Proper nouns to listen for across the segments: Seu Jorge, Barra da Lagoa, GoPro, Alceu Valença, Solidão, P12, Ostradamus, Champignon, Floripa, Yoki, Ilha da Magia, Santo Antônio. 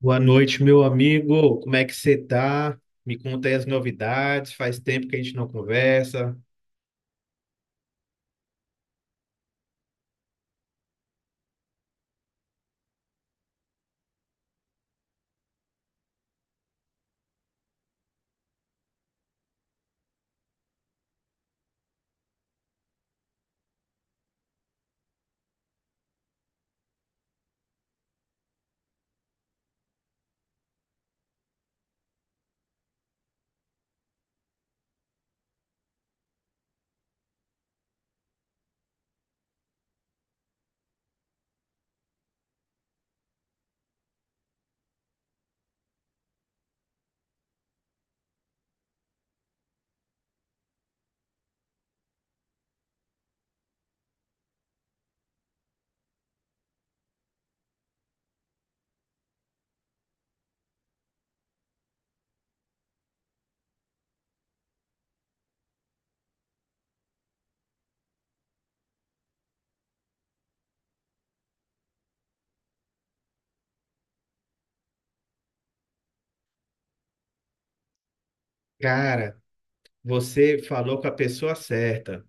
Boa noite, meu amigo. Como é que você tá? Me conta aí as novidades. Faz tempo que a gente não conversa. Cara, você falou com a pessoa certa.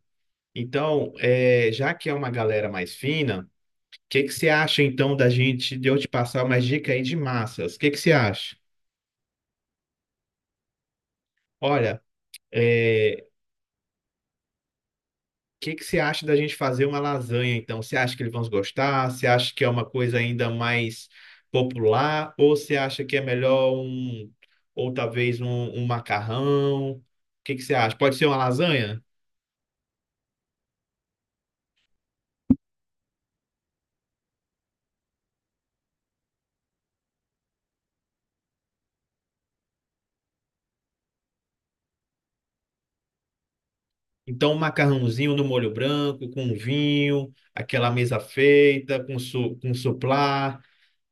Então, é, já que é uma galera mais fina, o que que você acha então da gente de eu te passar umas dicas aí de massas? O que que você acha? Olha, é, que você acha da gente fazer uma lasanha, então? Você acha que eles vão gostar? Você acha que é uma coisa ainda mais popular? Ou você acha que é melhor ou talvez um macarrão? O que que você acha? Pode ser uma lasanha? Então, um macarrãozinho no molho branco, com um vinho, aquela mesa feita, com suplá,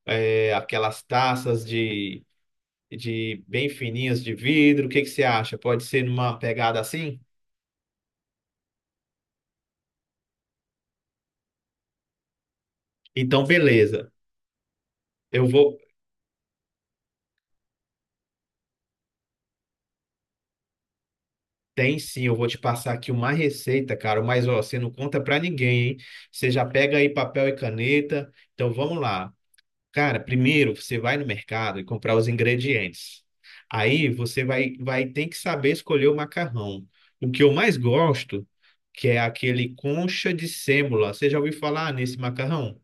é, aquelas de bem fininhas de vidro. O que que você acha? Pode ser numa pegada assim? Então, beleza. Eu vou. Tem sim, eu vou te passar aqui uma receita, cara, mas ó, você não conta pra ninguém, hein? Você já pega aí papel e caneta. Então vamos lá. Cara, primeiro você vai no mercado e comprar os ingredientes. Aí você vai ter que saber escolher o macarrão. O que eu mais gosto, que é aquele concha de sêmola. Você já ouviu falar nesse macarrão?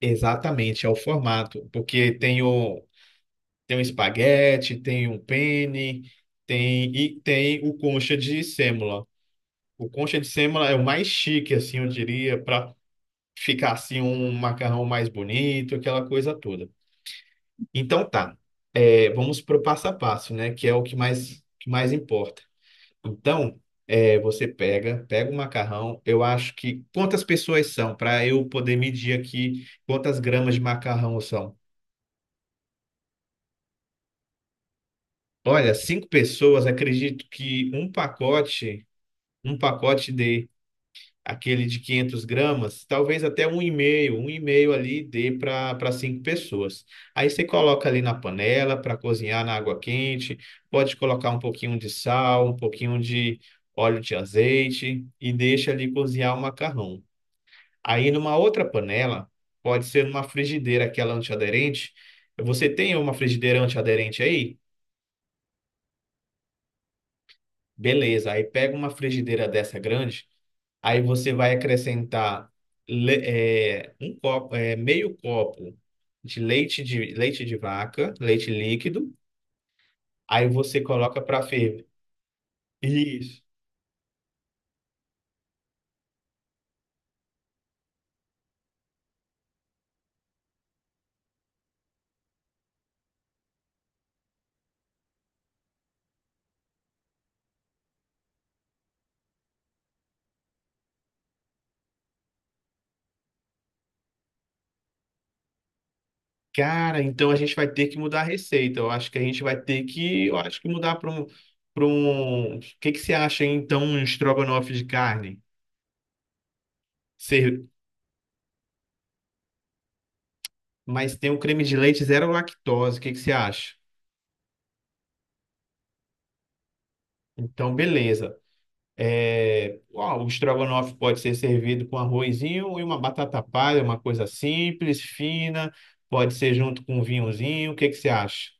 Exatamente, é o formato, porque tem um espaguete, tem um penne, tem o concha de sêmola. O concha de sêmola é o mais chique, assim, eu diria, para ficar assim um macarrão mais bonito, aquela coisa toda. Então tá, é, vamos pro passo a passo, né? Que é o que mais importa. Então, é, você pega o macarrão. Eu acho que quantas pessoas são para eu poder medir aqui quantas gramas de macarrão são. Olha, cinco pessoas, acredito que um pacote dê aquele de 500 gramas, talvez até um e meio ali dê para cinco pessoas. Aí você coloca ali na panela para cozinhar na água quente, pode colocar um pouquinho de sal, um pouquinho de óleo de azeite e deixa ali cozinhar o macarrão. Aí numa outra panela, pode ser numa frigideira, aquela antiaderente. Você tem uma frigideira antiaderente aí? Beleza, aí pega uma frigideira dessa grande. Aí você vai acrescentar um copo, é, meio copo de leite de vaca, leite líquido. Aí você coloca para ferver. Isso. Cara, então a gente vai ter que mudar a receita. Eu acho que a gente vai ter que, eu acho que mudar para um. O que que você acha hein, então um estrogonofe de carne? Ser- Mas tem um creme de leite zero lactose. O que que você acha? Então, beleza. É, ó, o estrogonofe pode ser servido com arrozinho e uma batata palha, uma coisa simples, fina, pode ser junto com um vinhozinho. O que que você acha?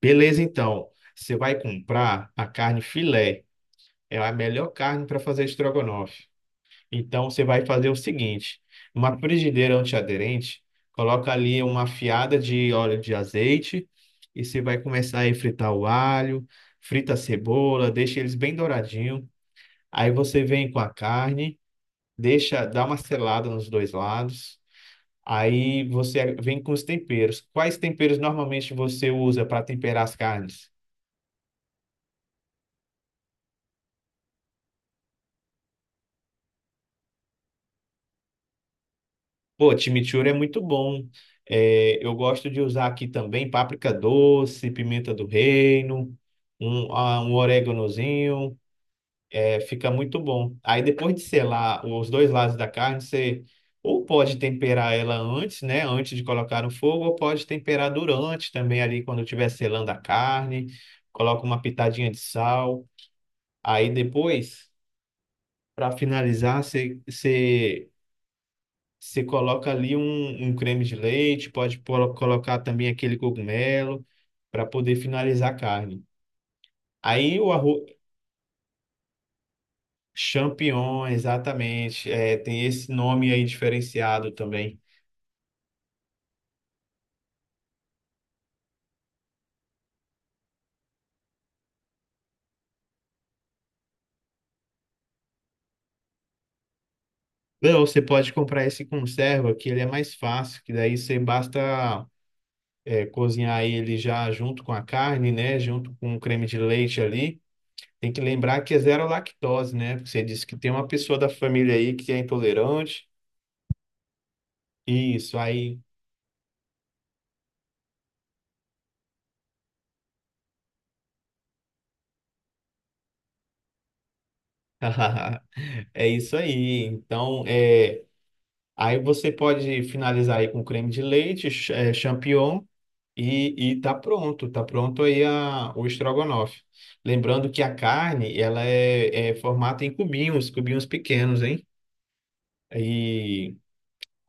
Beleza, então. Você vai comprar a carne filé. É a melhor carne para fazer estrogonofe. Então você vai fazer o seguinte: uma frigideira antiaderente, coloca ali uma fiada de óleo de azeite e você vai começar a fritar o alho, frita a cebola, deixa eles bem douradinhos. Aí você vem com a carne, deixa, dá uma selada nos dois lados. Aí você vem com os temperos. Quais temperos normalmente você usa para temperar as carnes? Pô, chimichurri é muito bom. É, eu gosto de usar aqui também páprica doce, pimenta do reino, um oréganozinho. É, fica muito bom. Aí depois de selar os dois lados da carne, você ou pode temperar ela antes, né? Antes de colocar no fogo, ou pode temperar durante também ali quando estiver selando a carne, coloca uma pitadinha de sal. Aí depois, para finalizar, você coloca ali um creme de leite, pode colocar também aquele cogumelo para poder finalizar a carne. Aí o arroz. Champignon, exatamente. É, tem esse nome aí diferenciado também. Não, você pode comprar esse conserva, que ele é mais fácil, que daí você basta é, cozinhar ele já junto com a carne, né? Junto com o creme de leite ali. Tem que lembrar que é zero lactose, né? Porque você disse que tem uma pessoa da família aí que é intolerante. Isso, aí. É isso aí. Então, é, aí você pode finalizar aí com creme de leite, champignon. E tá pronto aí o estrogonofe. Lembrando que a carne, ela é, é formada em cubinhos, cubinhos pequenos, hein? E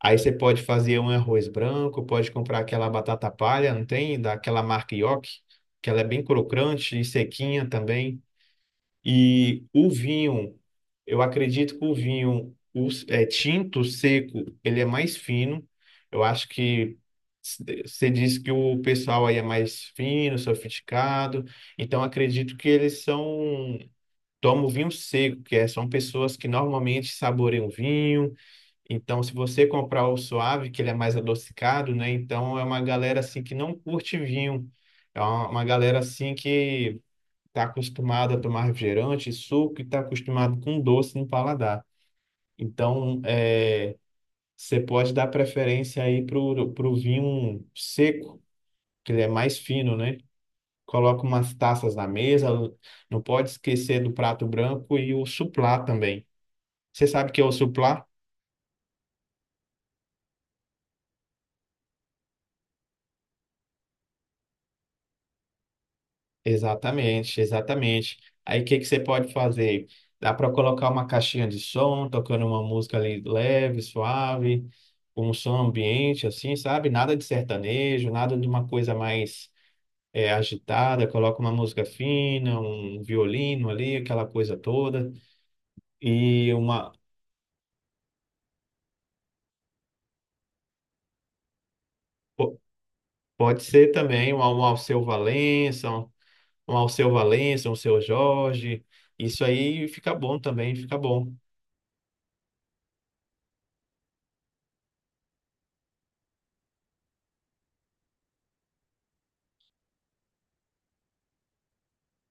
aí você pode fazer um arroz branco, pode comprar aquela batata palha, não tem? Daquela marca Yoki, que ela é bem crocante e sequinha também. E o vinho, eu acredito que o é, tinto seco, ele é mais fino. Eu acho que você disse que o pessoal aí é mais fino, sofisticado. Então, acredito que eles são. Tomam vinho seco, são pessoas que normalmente saboreiam vinho. Então, se você comprar o suave, que ele é mais adocicado, né? Então, é uma galera assim que não curte vinho. É uma galera assim que está acostumado a tomar refrigerante, suco e está acostumado com doce no paladar. Então, é, você pode dar preferência aí para o vinho seco, que ele é mais fino, né? Coloca umas taças na mesa, não pode esquecer do prato branco e o suplá também. Você sabe o que é o suplá? Exatamente, exatamente. Aí o que que você pode fazer? Dá para colocar uma caixinha de som, tocando uma música ali leve, suave, com um som ambiente, assim, sabe? Nada de sertanejo, nada de uma coisa mais é, agitada. Coloca uma música fina, um violino ali, aquela coisa toda. E uma po- pode ser também um Alceu Valença, um Alceu Valença, um Seu Jorge. Isso aí fica bom também, fica bom.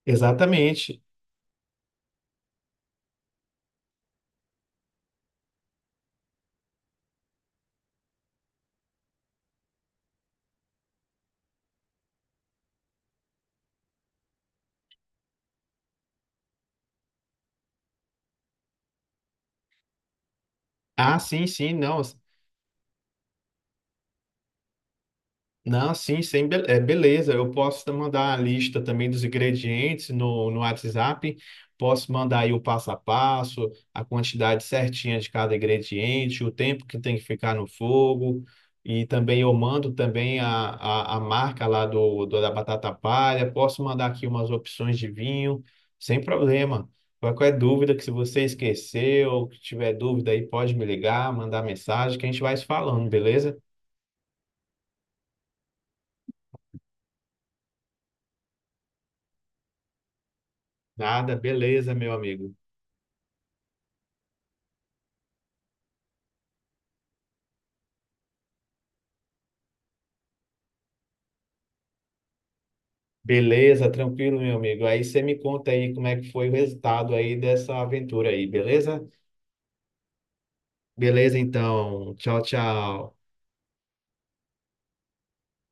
Exatamente. Ah, sim, sim, não. Não, sim, sim, beleza. Eu posso te mandar a lista também dos ingredientes no WhatsApp. Posso mandar aí o passo a passo, a quantidade certinha de cada ingrediente, o tempo que tem que ficar no fogo. E também eu mando também a marca lá da batata palha. Posso mandar aqui umas opções de vinho, sem problema. Qualquer dúvida que se você esqueceu, que tiver dúvida aí, pode me ligar, mandar mensagem, que a gente vai se falando, beleza? Nada, beleza, meu amigo. Beleza, tranquilo, meu amigo. Aí você me conta aí como é que foi o resultado aí dessa aventura aí, beleza? Beleza, então. Tchau, tchau.